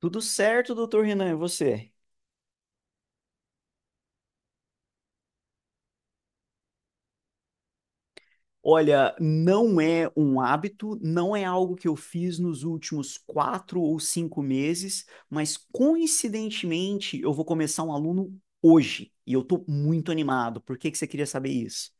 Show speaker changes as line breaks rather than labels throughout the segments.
Tudo certo, doutor Renan, e você? Olha, não é um hábito, não é algo que eu fiz nos últimos quatro ou cinco meses, mas coincidentemente eu vou começar um aluno hoje e eu tô muito animado. Por que que você queria saber isso?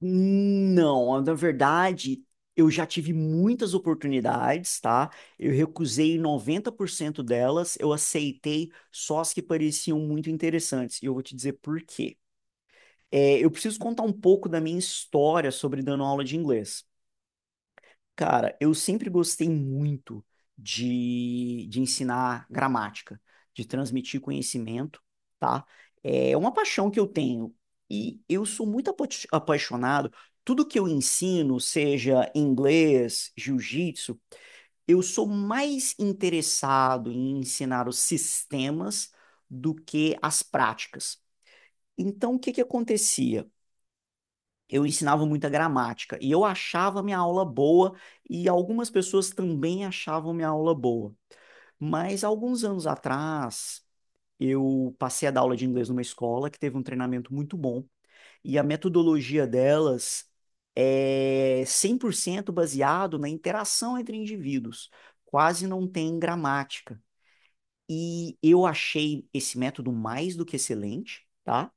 Não, na verdade, eu já tive muitas oportunidades, tá? Eu recusei 90% delas, eu aceitei só as que pareciam muito interessantes. E eu vou te dizer por quê. É, eu preciso contar um pouco da minha história sobre dando aula de inglês. Cara, eu sempre gostei muito de ensinar gramática, de transmitir conhecimento, tá? É uma paixão que eu tenho e eu sou muito apaixonado. Tudo que eu ensino, seja inglês, jiu-jitsu, eu sou mais interessado em ensinar os sistemas do que as práticas. Então, o que que acontecia? Eu ensinava muita gramática e eu achava minha aula boa e algumas pessoas também achavam minha aula boa. Mas alguns anos atrás, eu passei a dar aula de inglês numa escola que teve um treinamento muito bom e a metodologia delas é 100% baseado na interação entre indivíduos, quase não tem gramática. E eu achei esse método mais do que excelente, tá?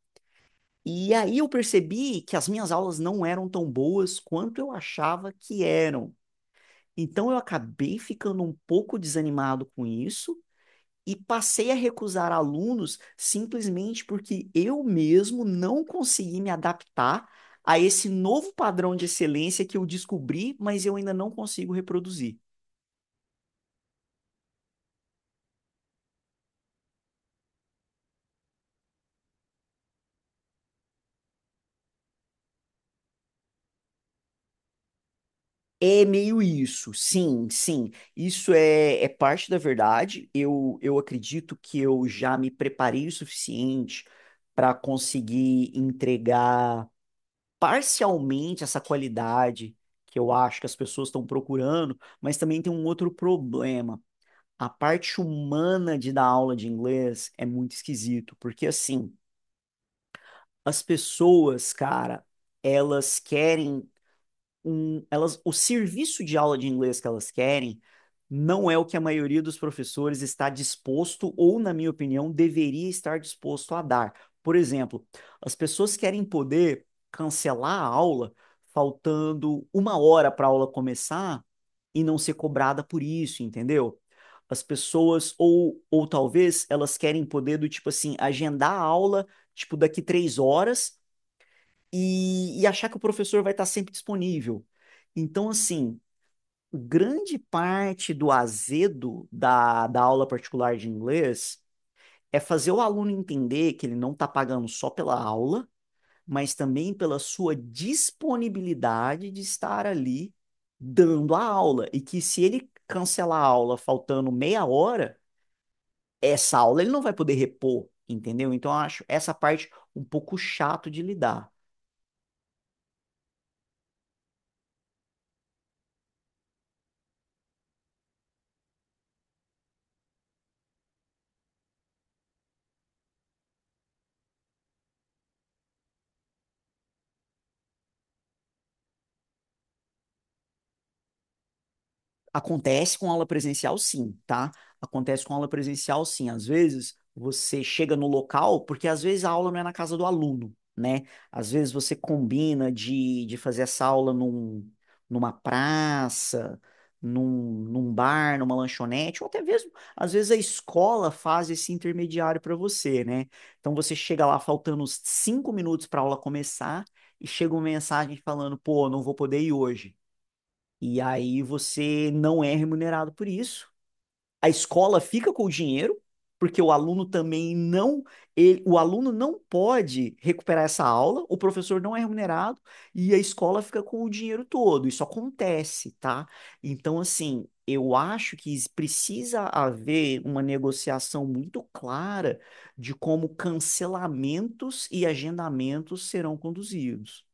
E aí eu percebi que as minhas aulas não eram tão boas quanto eu achava que eram. Então eu acabei ficando um pouco desanimado com isso e passei a recusar alunos simplesmente porque eu mesmo não consegui me adaptar a esse novo padrão de excelência que eu descobri, mas eu ainda não consigo reproduzir. É meio isso, sim, sim. Isso é, é parte da verdade. Eu acredito que eu já me preparei o suficiente para conseguir entregar parcialmente essa qualidade que eu acho que as pessoas estão procurando, mas também tem um outro problema. A parte humana de dar aula de inglês é muito esquisito, porque assim, as pessoas, cara, elas querem um, elas, o serviço de aula de inglês que elas querem não é o que a maioria dos professores está disposto, ou, na minha opinião, deveria estar disposto a dar. Por exemplo, as pessoas querem poder cancelar a aula faltando uma hora para a aula começar e não ser cobrada por isso, entendeu? As pessoas, ou talvez elas querem poder do tipo assim, agendar a aula, tipo, daqui três horas e achar que o professor vai estar sempre disponível. Então, assim, grande parte do azedo da aula particular de inglês é fazer o aluno entender que ele não está pagando só pela aula, mas também pela sua disponibilidade de estar ali dando a aula. E que se ele cancelar a aula faltando meia hora, essa aula ele não vai poder repor, entendeu? Então, eu acho essa parte um pouco chato de lidar. Acontece com aula presencial, sim, tá? Acontece com aula presencial, sim. Às vezes você chega no local, porque às vezes a aula não é na casa do aluno, né? Às vezes você combina de fazer essa aula num, numa praça, num, num bar, numa lanchonete, ou até mesmo, às vezes a escola faz esse intermediário para você, né? Então você chega lá faltando uns cinco minutos para a aula começar e chega uma mensagem falando, pô, não vou poder ir hoje. E aí você não é remunerado por isso. A escola fica com o dinheiro, porque o aluno também não, o aluno não pode recuperar essa aula, o professor não é remunerado e a escola fica com o dinheiro todo. Isso acontece, tá? Então, assim, eu acho que precisa haver uma negociação muito clara de como cancelamentos e agendamentos serão conduzidos.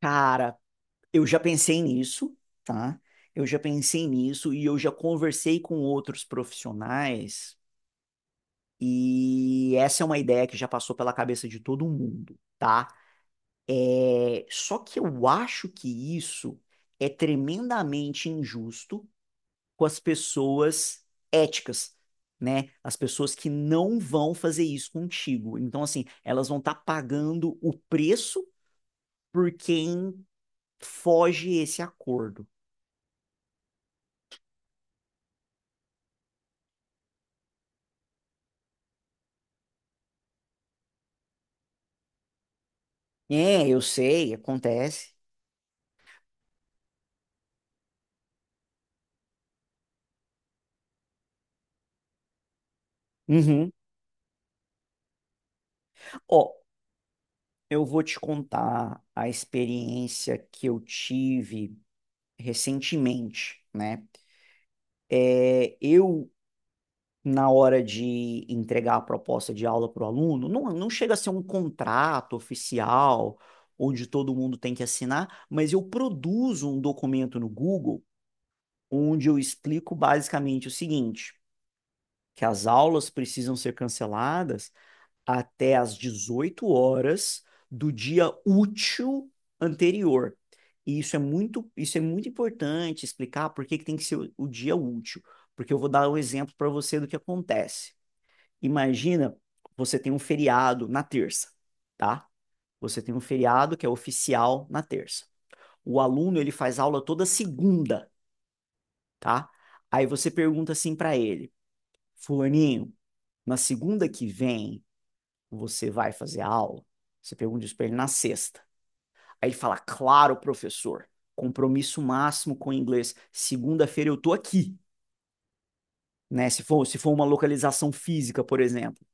Cara, eu já pensei nisso, tá? Eu já pensei nisso e eu já conversei com outros profissionais e essa é uma ideia que já passou pela cabeça de todo mundo, tá? Só que eu acho que isso é tremendamente injusto com as pessoas éticas, né? As pessoas que não vão fazer isso contigo. Então, assim, elas vão estar pagando o preço por quem foge esse acordo. É, eu sei, acontece. Uhum. Ó, eu vou te contar a experiência que eu tive recentemente, né? É, eu, na hora de entregar a proposta de aula para o aluno, não, não chega a ser um contrato oficial, onde todo mundo tem que assinar, mas eu produzo um documento no Google, onde eu explico basicamente o seguinte, que as aulas precisam ser canceladas até às 18 horas do dia útil anterior. E isso é muito importante explicar por que que tem que ser o dia útil, porque eu vou dar um exemplo para você do que acontece. Imagina, você tem um feriado na terça, tá? Você tem um feriado que é oficial na terça. O aluno, ele faz aula toda segunda, tá? Aí você pergunta assim para ele: "Fulaninho, na segunda que vem, você vai fazer a aula?" Você pergunta isso para ele na sexta. Aí ele fala, claro, professor, compromisso máximo com o inglês. Segunda-feira eu tô aqui, né? Se for, se for uma localização física, por exemplo.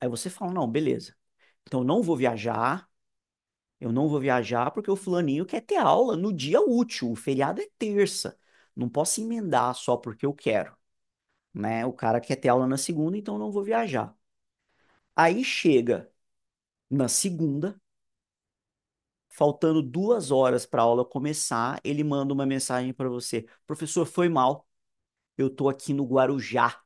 Aí você fala, não, beleza. Então eu não vou viajar, eu não vou viajar porque o fulaninho quer ter aula no dia útil. O feriado é terça. Não posso emendar só porque eu quero, né? O cara quer ter aula na segunda, então eu não vou viajar. Aí chega na segunda, faltando duas horas para a aula começar, ele manda uma mensagem para você: professor, foi mal, eu estou aqui no Guarujá,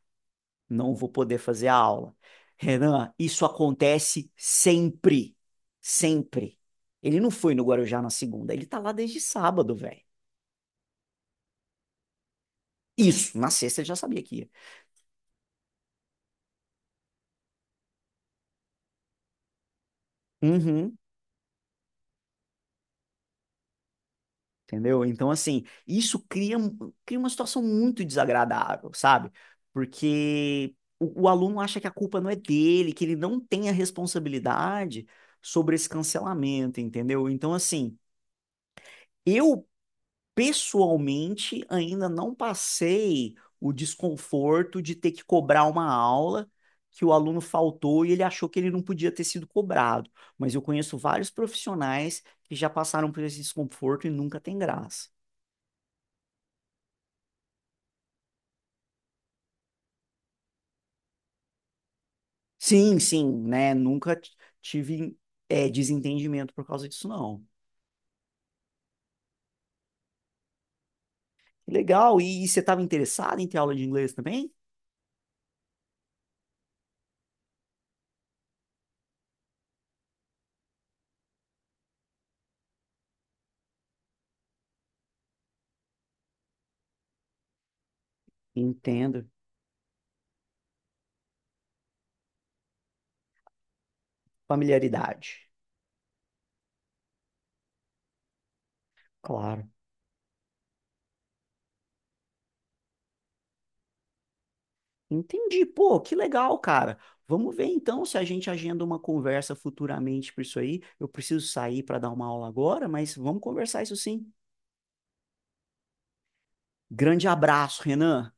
não vou poder fazer a aula. Renan, isso acontece sempre, sempre. Ele não foi no Guarujá na segunda, ele tá lá desde sábado, velho. Isso, na sexta ele já sabia que ia. Uhum. Entendeu? Então, assim, isso cria, cria uma situação muito desagradável, sabe? Porque o aluno acha que a culpa não é dele, que ele não tem a responsabilidade sobre esse cancelamento, entendeu? Então, assim, eu pessoalmente ainda não passei o desconforto de ter que cobrar uma aula que o aluno faltou e ele achou que ele não podia ter sido cobrado. Mas eu conheço vários profissionais que já passaram por esse desconforto e nunca tem graça. Sim, sim, né? Nunca tive é, desentendimento por causa disso, não. Que legal, e, você estava interessado em ter aula de inglês também? Entendo. Familiaridade, claro. Entendi, pô, que legal, cara. Vamos ver então se a gente agenda uma conversa futuramente por isso aí. Eu preciso sair para dar uma aula agora, mas vamos conversar isso sim. Grande abraço, Renan.